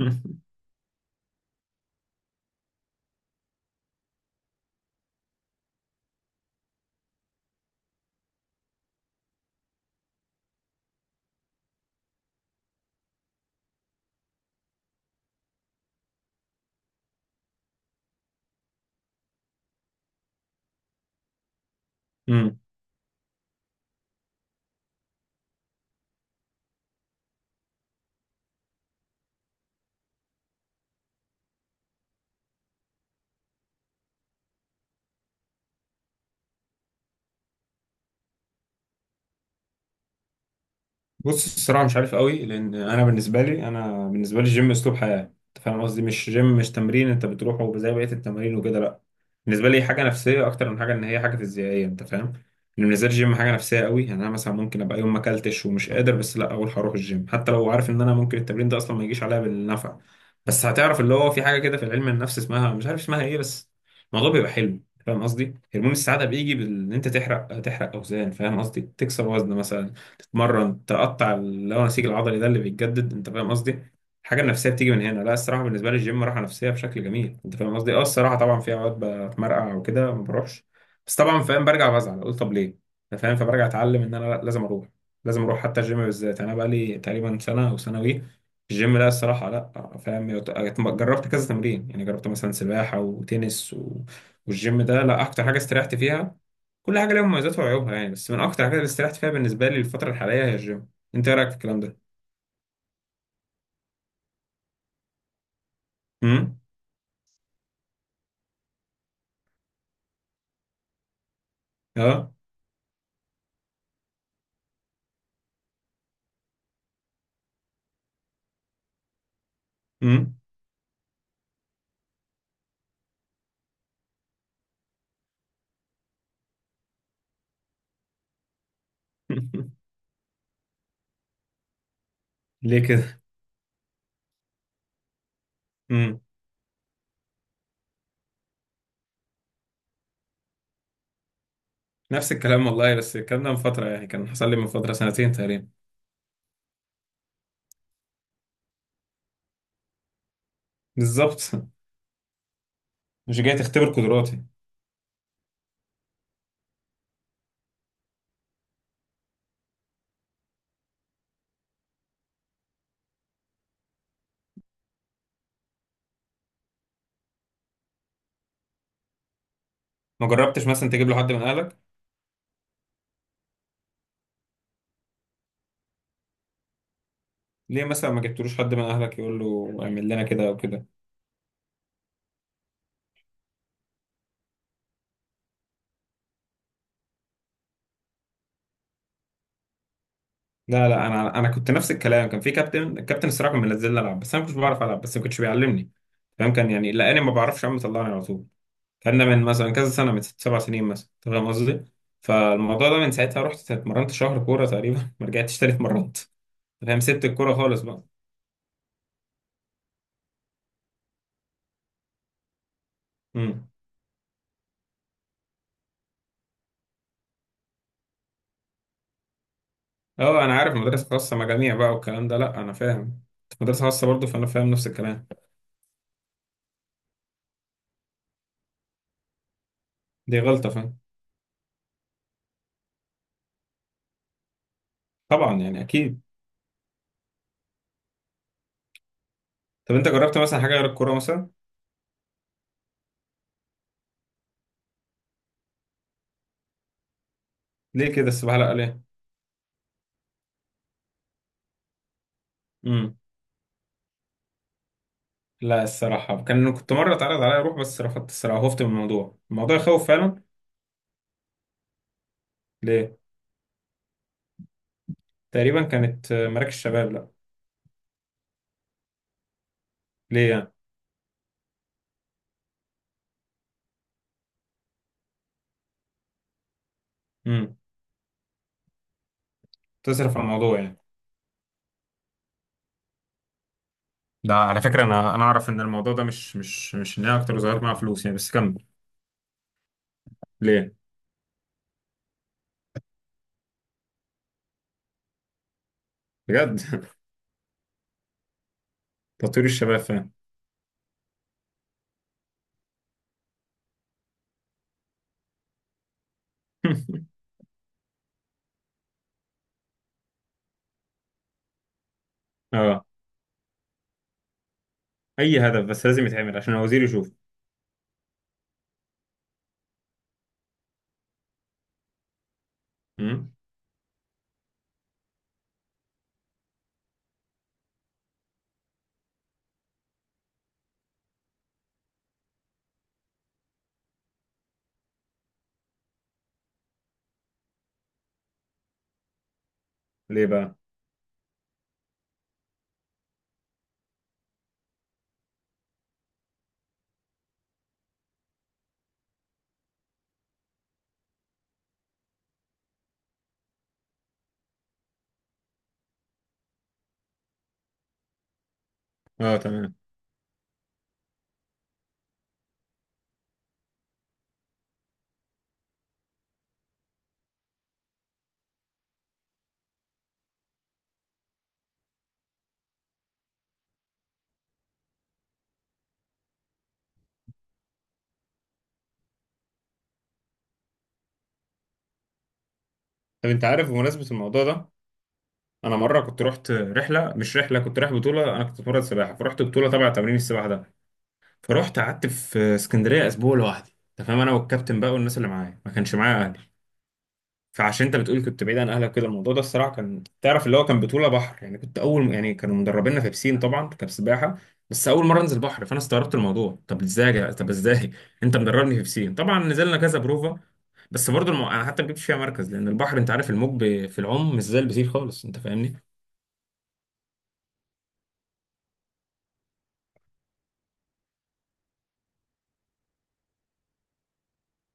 مم. بص الصراحه مش عارف قوي، لان انا بالنسبه لي الجيم اسلوب حياه. انت فاهم قصدي؟ مش جيم، مش تمرين انت بتروحه زي بقيه التمارين وكده، لا. بالنسبه لي حاجه نفسيه اكتر من حاجه ان هي حاجه فيزيائيه. انت فاهم؟ ان بالنسبه لي الجيم حاجه نفسيه قوي. يعني انا مثلا ممكن ابقى يوم ما اكلتش ومش قادر، بس لا اقول هروح الجيم، حتى لو عارف ان انا ممكن التمرين ده اصلا ما يجيش عليا بالنفع. بس هتعرف اللي هو في حاجه كده في العلم النفس اسمها مش عارف اسمها ايه، بس الموضوع بيبقى حلو. فاهم قصدي؟ هرمون السعاده بيجي بان انت تحرق اوزان. فاهم قصدي؟ تكسر وزن مثلا، تتمرن، تقطع اللي هو نسيج العضلي ده اللي بيتجدد. انت فاهم قصدي؟ الحاجه النفسيه بتيجي من هنا. لا، الصراحه بالنسبه لي الجيم راحه نفسيه بشكل جميل. انت فاهم قصدي؟ اه الصراحه طبعا في اوقات بتمرقع وكده ما بروحش، بس طبعا فاهم برجع بزعل، اقول طب ليه؟ انت فاهم؟ فبرجع اتعلم ان انا، لا، لازم اروح. لازم اروح، حتى الجيم بالذات انا بقى لي تقريبا سنه او سنوي. الجيم، لا الصراحه، لا فاهم جربت كذا تمرين. يعني جربت مثلا سباحه وتنس والجيم ده لا اكتر حاجه استريحت فيها. كل حاجه ليها مميزاتها وعيوبها يعني، بس من اكتر حاجه اللي استريحت فيها بالنسبه لي الفتره الحاليه هي الجيم. انت ايه رايك في الكلام ده؟ امم. اه. امم. ليه كده؟ امم. نفس الكلام والله، بس الكلام ده من فتره، يعني كان حصل لي من فتره سنتين تقريبا. بالظبط. مش جاي تختبر قدراتي. ما جربتش مثلا تجيب له حد من اهلك؟ ليه مثلا ما جبتلوش حد من اهلك يقول له اعمل لنا كده او كده؟ لا لا، انا كنت نفس الكلام. كان في كابتن، الكابتن الصراحه كان منزلني العب بس انا ما كنتش بعرف العب، بس ما كنتش بيعلمني. فاهم؟ كان يعني لقاني ما بعرفش اعمل طلعني على طول. كان من مثلا كذا سنة، من ست سبع سنين مثلا. أنت فاهم قصدي؟ فالموضوع ده من ساعتها رحت اتمرنت شهر كورة تقريبا، ما رجعتش تاني اتمرنت. أنت فاهم؟ سبت الكورة خالص بقى. امم. اه انا عارف، مدرسة خاصة مجاميع بقى والكلام ده، لا انا فاهم. كنت في مدرسة خاصة برضه، فانا فاهم نفس الكلام. دي غلطة، فاهم؟ طبعا يعني اكيد. طب انت جربت مثلا حاجة غير الكورة مثلا؟ ليه كده السباحة؟ لا ليه؟ امم. لا الصراحة كان كنت مرة اتعرض عليا اروح بس رفضت الصراحة، خفت من الموضوع، الموضوع يخوف فعلا. ليه؟ تقريبا كانت مراكز شباب، لا. ليه؟ يعني تصرف على الموضوع يعني. ده على فكرة أنا أنا أعرف إن الموضوع ده مش إن هي أكتر وظاهر معاها فلوس يعني، بس كمل. ليه؟ بجد؟ تطوير الشباب فاهم. أه. أي هدف بس لازم يتعمل عشان الوزير يشوف. أمم؟ ليه بقى؟ أه تمام. طب أنت عارف بمناسبة الموضوع ده، أنا مرة كنت رحت رحلة، مش رحلة، كنت رايح بطولة. أنا كنت بتمرن سباحة فرحت بطولة تبع تمرين السباحة ده. فرحت قعدت في اسكندرية أسبوع لوحدي. أنت فاهم؟ أنا والكابتن بقى والناس اللي معايا، ما كانش معايا أهلي. فعشان انت بتقول كنت بعيد عن اهلك كده، الموضوع ده الصراحه كان، تعرف اللي هو كان بطوله بحر يعني. كنت اول، يعني كانوا مدربيننا في بسين طبعا، كان سباحه بس اول مره انزل بحر. فانا استغربت الموضوع، طب ازاي يا جدع-، طب ازاي انت مدربني في بسين. طبعا نزلنا كذا بروفا، بس برضه انا حتى ما جبتش فيها مركز، لان البحر انت عارف الموج في العوم مش زي البسين خالص. انت فاهمني؟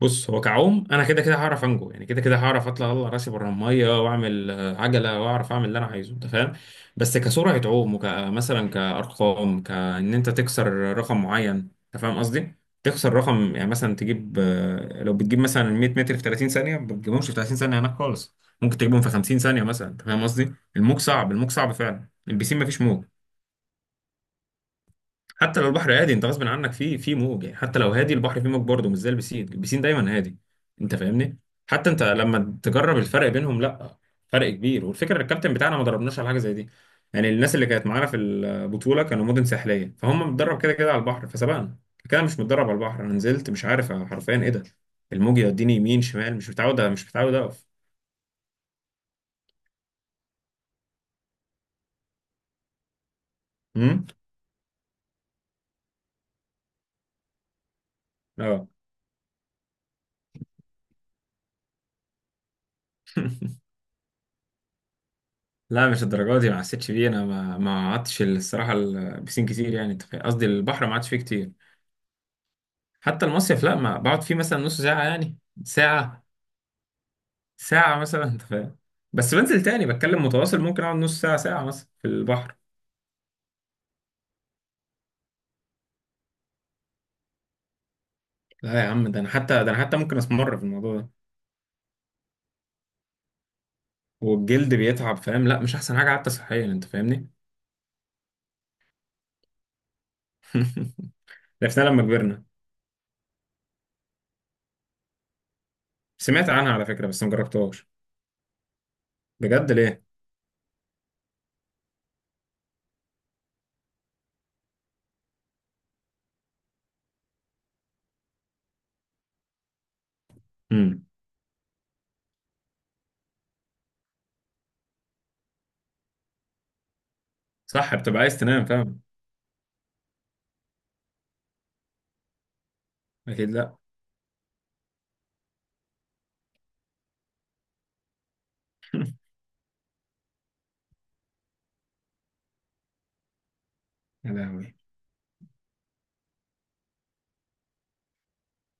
بص هو كعوم انا كده كده هعرف انجو، يعني كده كده هعرف اطلع، اطلع راسي بره الميه واعمل عجله واعرف اعمل اللي انا عايزه. انت فاهم؟ بس كسرعه عوم وكمثلا كارقام، كان انت تكسر رقم معين. انت فاهم قصدي؟ تكسر رقم يعني مثلا تجيب لو بتجيب مثلا 100 متر في 30 ثانيه، ما بتجيبهمش في 30 ثانيه هناك خالص، ممكن تجيبهم في 50 ثانيه مثلا. انت فاهم قصدي؟ الموج صعب، الموج صعب فعلا. البسين ما فيش موج. حتى لو البحر هادي، انت غصب عنك في موج، يعني حتى لو هادي البحر فيه موج برضه مش زي البسين، البسين دايما هادي. انت فاهمني؟ حتى انت لما تجرب الفرق بينهم، لا فرق كبير. والفكره الكابتن بتاعنا ما دربناش على حاجه زي دي، يعني الناس اللي كانت معانا في البطوله كانوا مدن ساحليه فهم متدرب كده كده على البحر فسبقنا كده. مش متدرب على البحر، انا نزلت مش عارف حرفيا ايه ده، الموج يوديني يمين شمال. مش متعود، مش متعود اقف. امم. اه. لا مش الدرجات دي، ما حسيتش بيه. انا ما قعدتش الصراحه البسين كتير، يعني. أنت فاهم؟ قصدي البحر ما قعدتش فيه كتير. حتى المصيف لا، ما بقعد فيه مثلا نص ساعة يعني. ساعة، ساعة مثلا. انت فاهم؟ بس بنزل تاني بتكلم متواصل، ممكن اقعد نص ساعة ساعة مثلا في البحر. لا يا عم، ده انا حتى، ده انا حتى ممكن اسمر في الموضوع ده. والجلد بيتعب، فاهم؟ لا مش احسن حاجة حتى صحيا. انت فاهمني؟ عرفناها لما كبرنا. سمعت عنها على فكرة بس ما جربتهاش. بجد؟ ليه؟ امم. صح، بتبقى عايز تنام، فاهم. اكيد لا. يا لهوي.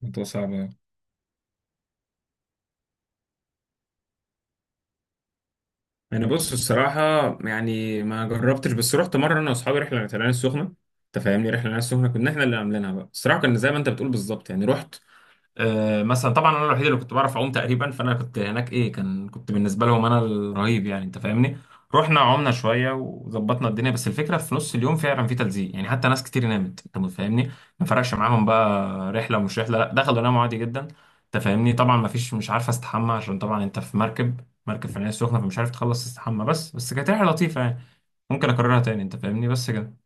الموضوع صعب. انا بص الصراحه، يعني ما جربتش، بس رحت مره انا واصحابي رحله العين السخنه. انت فاهمني؟ رحله العين السخنه كنا احنا اللي عاملينها بقى. الصراحه كان زي ما انت بتقول بالظبط. يعني رحت مثلا طبعا انا الوحيد اللي كنت بعرف اعوم تقريبا، فانا كنت هناك ايه، كان كنت بالنسبه لهم انا الرهيب، يعني انت فاهمني؟ رحنا عمنا شويه وظبطنا الدنيا، بس الفكره في نص اليوم فعلا في تلزيق يعني، حتى ناس كتير نامت. انت فاهمني؟ ما فرقش معاهم بقى رحله ومش رحله، لا دخلوا ناموا عادي جدا. انت فاهمني؟ طبعا ما فيش مش عارف استحمى، عشان طبعا انت في مركب، مركب في العين السخنه، فمش عارف تخلص تستحمى. بس كانت رحله لطيفه يعني. ممكن اكررها تاني. انت فاهمني؟ بس كده.